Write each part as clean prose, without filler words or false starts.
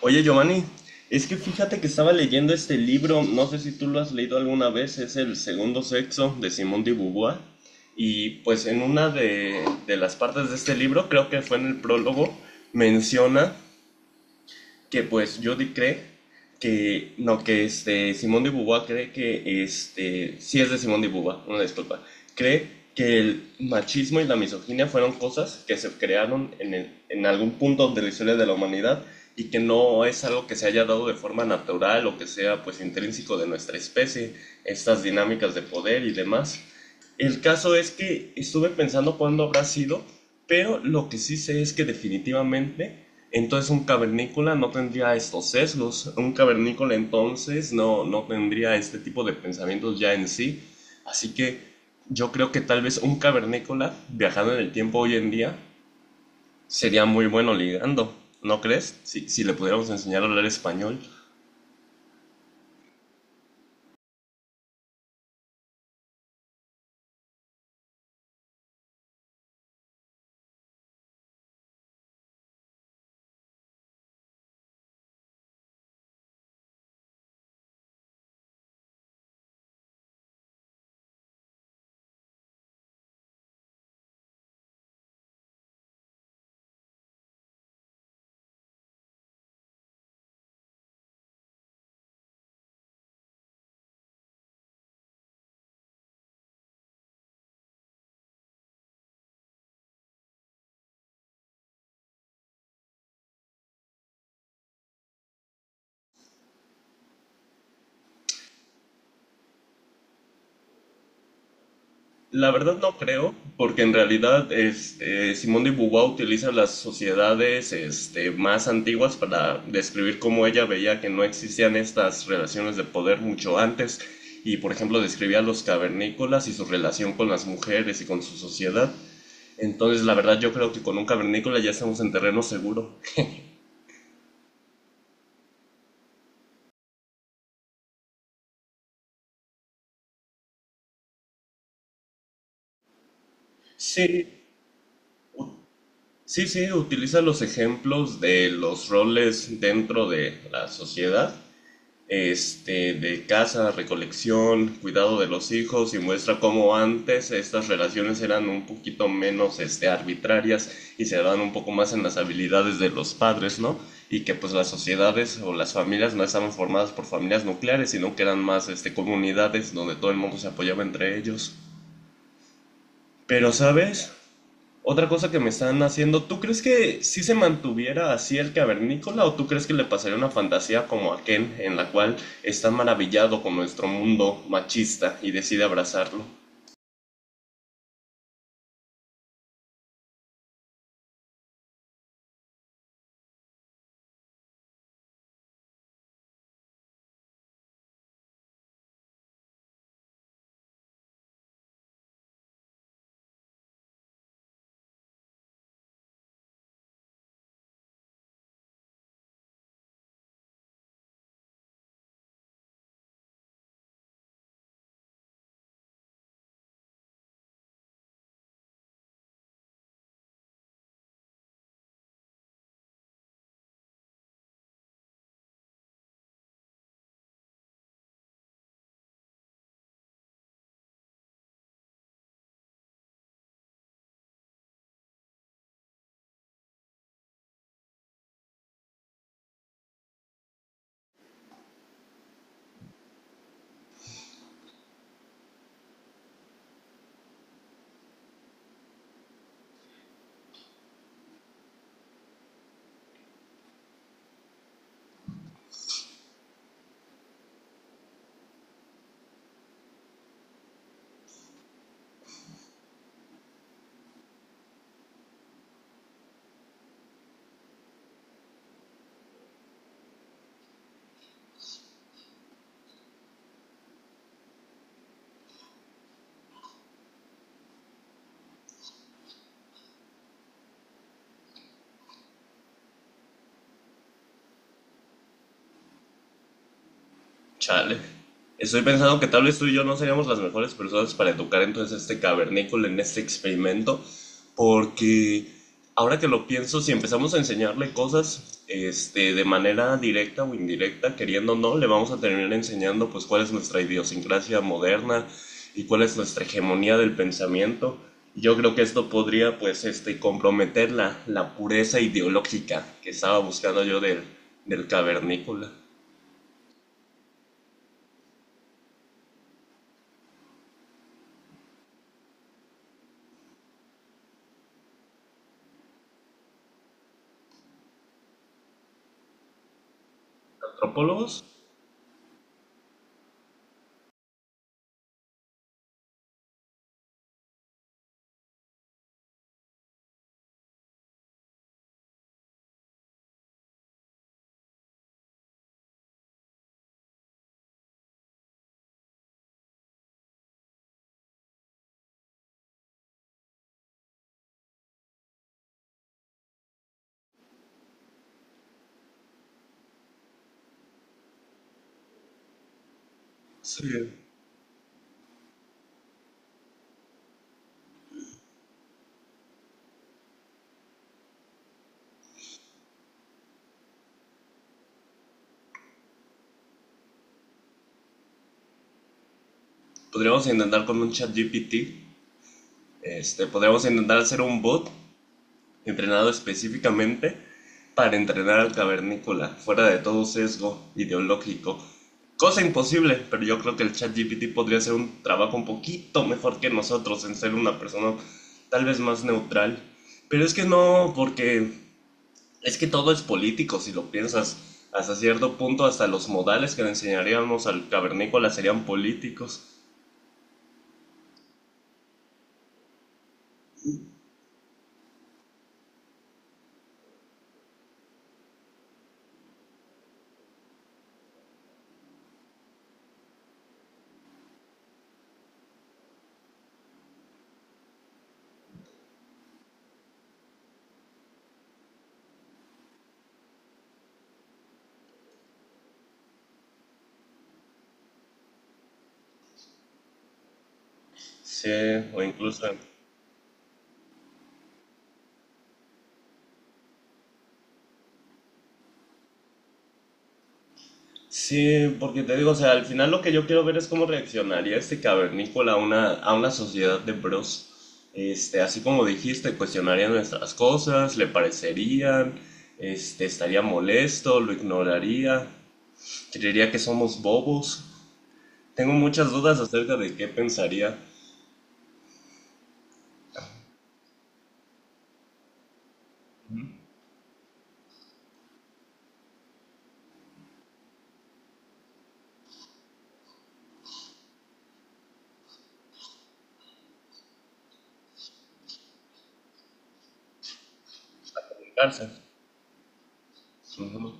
Oye, Giovanni, es que fíjate que estaba leyendo este libro, no sé si tú lo has leído alguna vez, es El Segundo Sexo de Simone de Beauvoir. Y pues en una de las partes de este libro, creo que fue en el prólogo, menciona que pues Jody cree que, no, que Simón de Beauvoir cree que, sí es de Simón de Beauvoir, una disculpa, cree que el machismo y la misoginia fueron cosas que se crearon en, en algún punto de la historia de la humanidad y que no es algo que se haya dado de forma natural o que sea pues intrínseco de nuestra especie, estas dinámicas de poder y demás. El caso es que estuve pensando cuándo habrá sido, pero lo que sí sé es que definitivamente entonces un cavernícola no tendría estos sesgos. Un cavernícola entonces no, no tendría este tipo de pensamientos ya en sí. Así que yo creo que tal vez un cavernícola viajando en el tiempo hoy en día sería muy bueno ligando. ¿No crees? Si, si le pudiéramos enseñar a hablar español. La verdad no creo, porque en realidad es, Simone de Beauvoir utiliza las sociedades más antiguas para describir cómo ella veía que no existían estas relaciones de poder mucho antes y por ejemplo describía a los cavernícolas y su relación con las mujeres y con su sociedad. Entonces la verdad yo creo que con un cavernícola ya estamos en terreno seguro. Sí, u- sí, sí, utiliza los ejemplos de los roles dentro de la sociedad, de caza, recolección, cuidado de los hijos y muestra cómo antes estas relaciones eran un poquito menos arbitrarias y se daban un poco más en las habilidades de los padres, ¿no? Y que pues las sociedades o las familias no estaban formadas por familias nucleares, sino que eran más comunidades donde todo el mundo se apoyaba entre ellos. Pero, ¿sabes? Otra cosa que me están haciendo, ¿tú crees que si se mantuviera así el cavernícola o tú crees que le pasaría una fantasía como a Ken en la cual está maravillado con nuestro mundo machista y decide abrazarlo? Chale. Estoy pensando que tal vez tú y yo no seríamos las mejores personas para educar entonces a este cavernícola en este experimento, porque ahora que lo pienso, si empezamos a enseñarle cosas, de manera directa o indirecta, queriendo o no, le vamos a terminar enseñando pues cuál es nuestra idiosincrasia moderna y cuál es nuestra hegemonía del pensamiento. Y yo creo que esto podría pues comprometer la pureza ideológica que estaba buscando yo del cavernícola. ¿Antropólogos? Sí. Podríamos intentar con un chat GPT, podríamos intentar hacer un bot entrenado específicamente para entrenar al cavernícola, fuera de todo sesgo ideológico. Cosa imposible, pero yo creo que el chat GPT podría hacer un trabajo un poquito mejor que nosotros en ser una persona tal vez más neutral. Pero es que no, porque es que todo es político, si lo piensas. Hasta cierto punto, hasta los modales que le enseñaríamos al cavernícola serían políticos. Sí, o incluso... Sí, porque te digo, o sea, al final lo que yo quiero ver es cómo reaccionaría este cavernícola a una sociedad de bros. Así como dijiste, cuestionaría nuestras cosas, le parecerían, estaría molesto, lo ignoraría, creería que somos bobos. Tengo muchas dudas acerca de qué pensaría en cárcel. Ujú.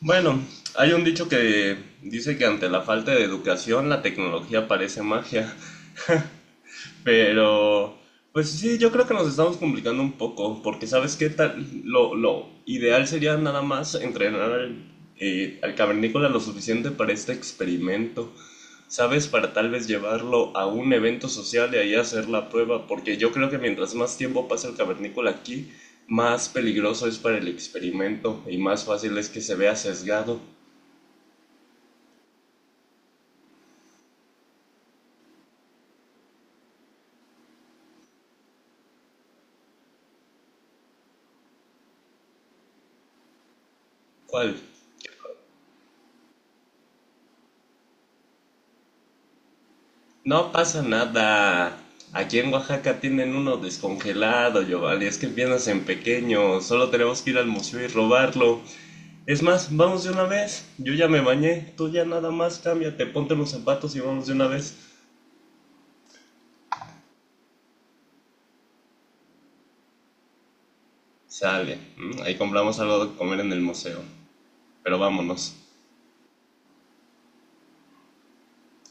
Bueno, hay un dicho que dice que ante la falta de educación la tecnología parece magia. Pero, pues sí, yo creo que nos estamos complicando un poco, porque sabes qué tal, lo ideal sería nada más entrenar al, al cavernícola lo suficiente para este experimento, sabes, para tal vez llevarlo a un evento social y ahí hacer la prueba, porque yo creo que mientras más tiempo pasa el cavernícola aquí, más peligroso es para el experimento y más fácil es que se vea sesgado. ¿Cuál? No pasa nada. Aquí en Oaxaca tienen uno descongelado, Giovanni. Es que empiezas en pequeño. Solo tenemos que ir al museo y robarlo. Es más, vamos de una vez. Yo ya me bañé. Tú ya nada más cámbiate, ponte los zapatos y vamos de una vez. Sale. ¿M? Ahí compramos algo de comer en el museo. Pero vámonos.